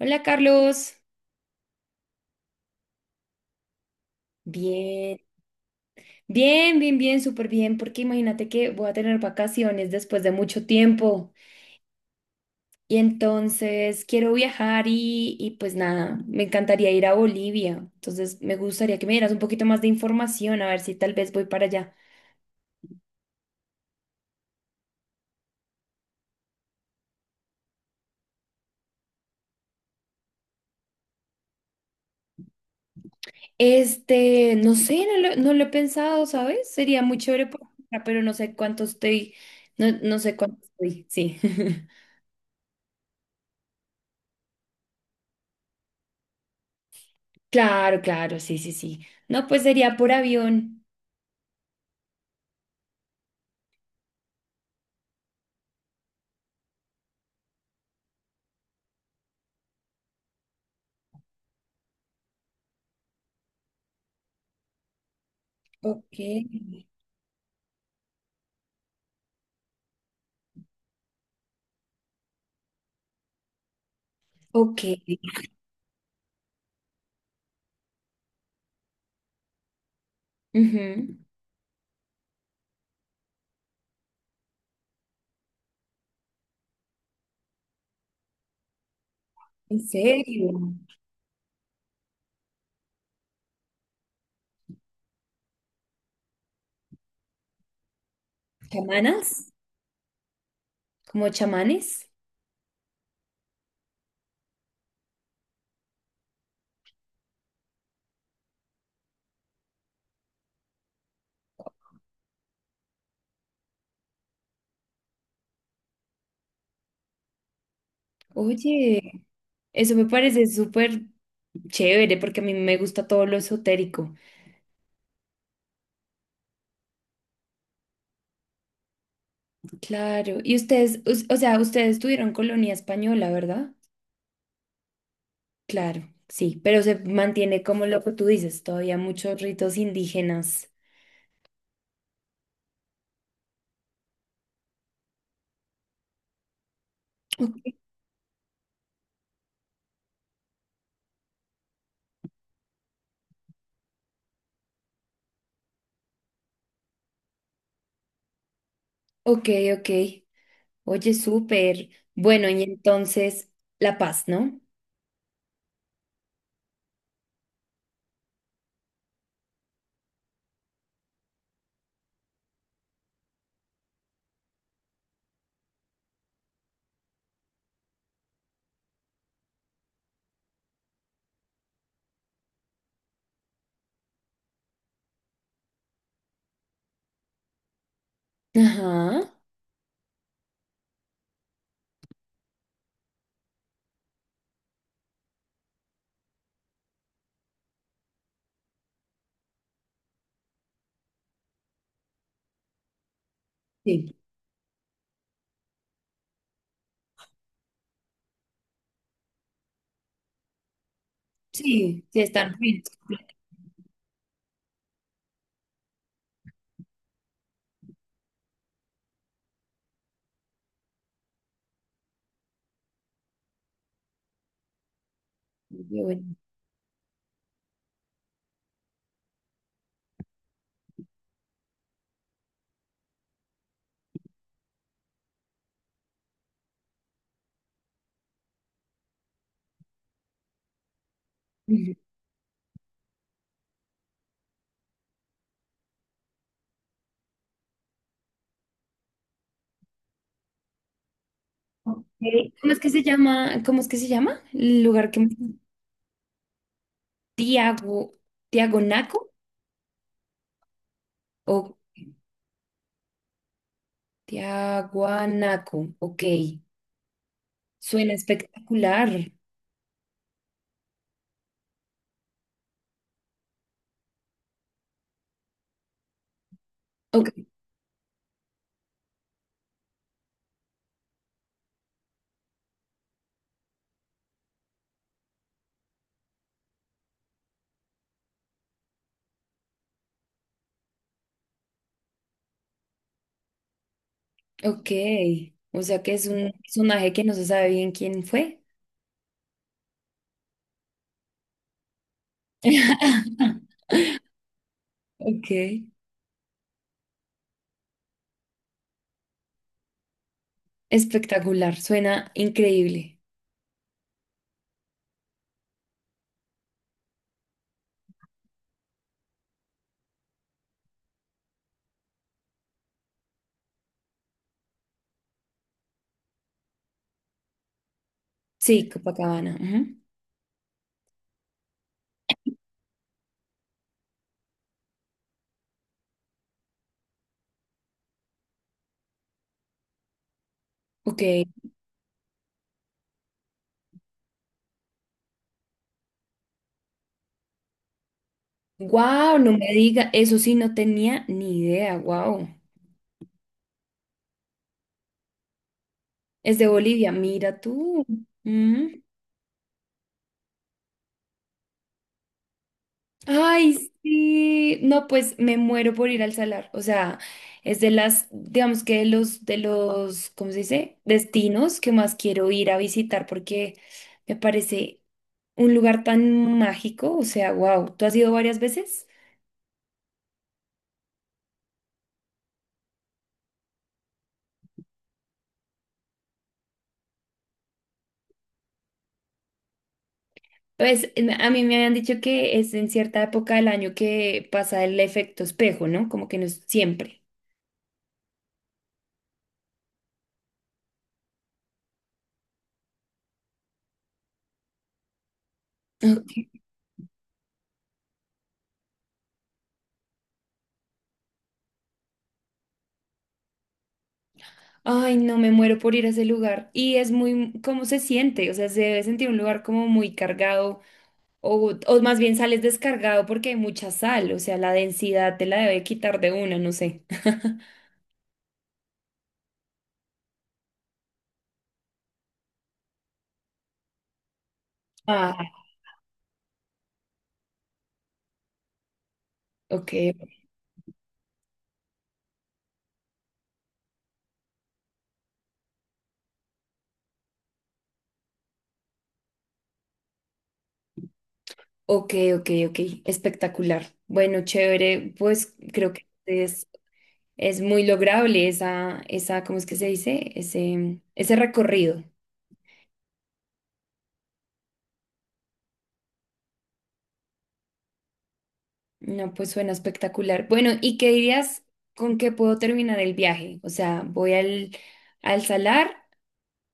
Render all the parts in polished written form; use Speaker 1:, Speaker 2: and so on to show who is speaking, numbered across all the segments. Speaker 1: Hola Carlos, bien, bien, súper bien, porque imagínate que voy a tener vacaciones después de mucho tiempo y entonces quiero viajar y pues nada, me encantaría ir a Bolivia, entonces me gustaría que me dieras un poquito más de información, a ver si tal vez voy para allá. Este, no sé, no lo he pensado, ¿sabes? Sería muy chévere, pero no sé cuánto estoy, no sé cuánto estoy, sí. Claro, claro, sí, sí, sí. No, pues sería por avión. Ok. Ok. Ujú. ¿En serio? ¿Chamanas? ¿Como chamanes? Oye, eso me parece súper chévere porque a mí me gusta todo lo esotérico. Claro. Y ustedes, o sea, ustedes tuvieron colonia española, ¿verdad? Claro, sí, pero se mantiene como lo que tú dices, todavía muchos ritos indígenas. Ok, ok. Ok. Oye, súper. Bueno, y entonces, La Paz, ¿no? Ajá. Sí, sí, sí, están bien. Ujú. Ok. ¿Cómo es que se llama? ¿Cómo es que se llama? El lugar que... me... Tiago, Tiagonaco o Tiaguanaco. Ok. Suena espectacular. Ok, ok. O sea que es un personaje que no se sabe bien quién fue. Ok. Espectacular. Suena increíble. Sí, Copacabana. Ujú. Ok. Wow, no me diga. Eso sí, no tenía ni idea. Wow. Es de Bolivia, mira tú. Mm. Ay, sí. No, pues me muero por ir al salar. O sea, es de las, digamos que de los, ¿cómo se dice? Destinos que más quiero ir a visitar porque me parece un lugar tan mágico. O sea, wow. ¿Tú has ido varias veces? Pues a mí me habían dicho que es en cierta época del año que pasa el efecto espejo, ¿no? Como que no es siempre. Ay, no me muero por ir a ese lugar. Y es muy, ¿cómo se siente? O sea, se debe sentir un lugar como muy cargado o más bien sales descargado porque hay mucha sal, o sea, la densidad te la debe quitar de una, no sé. Ah, ok, ok, ok, ok, espectacular. Bueno, chévere, pues creo que es muy lograble esa, esa, ¿cómo es que se dice? Ese recorrido. No, pues suena espectacular. Bueno, ¿y qué dirías con qué puedo terminar el viaje? O sea, voy al, al salar,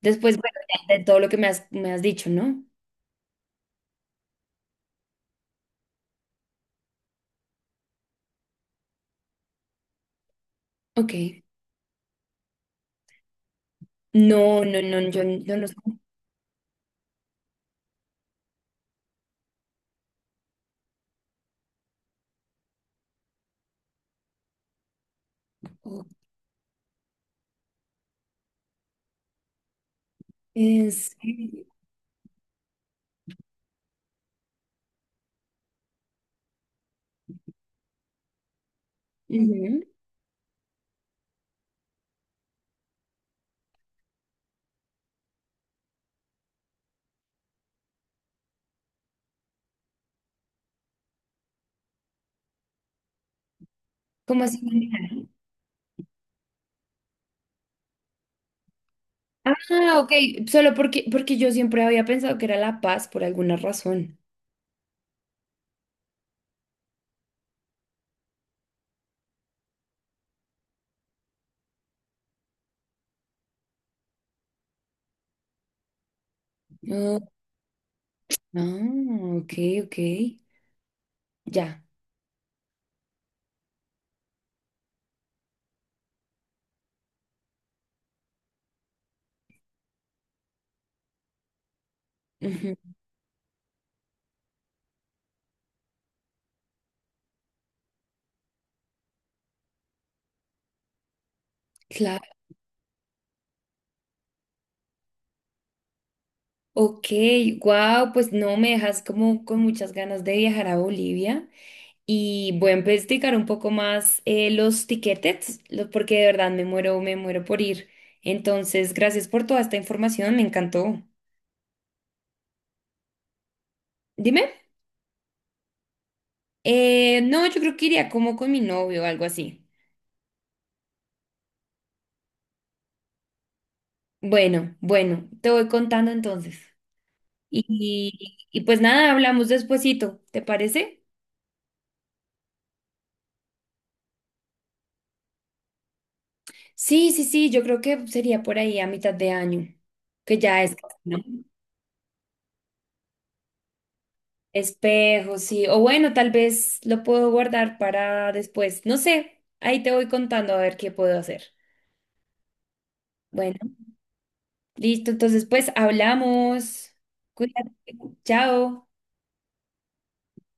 Speaker 1: después, bueno, ya de todo lo que me has dicho, ¿no? Ok. No, no, no, yo no lo sé. ¿En serio? Ujú. ¿Cómo así? ¿Manejar? Ah, ok, solo porque, porque yo siempre había pensado que era La Paz por alguna razón. Oh, ah, ok, ok, ya. Ujú. Claro. Ok, wow, pues no, me dejas como con muchas ganas de viajar a Bolivia y voy a investigar un poco más los tiquetes, porque de verdad me muero por ir. Entonces, gracias por toda esta información, me encantó. Dime. No, yo creo que iría como con mi novio o algo así. Bueno, bueno, te voy contando entonces. Y pues nada, hablamos despuesito, ¿te parece? Sí, sí, sí, yo creo que sería por ahí a mitad de año, que ya es, ¿no? Espejos, sí. O bueno, tal vez lo puedo guardar para después. No sé, ahí te voy contando a ver qué puedo hacer. Bueno, listo, entonces pues hablamos. Cuídate. Chao.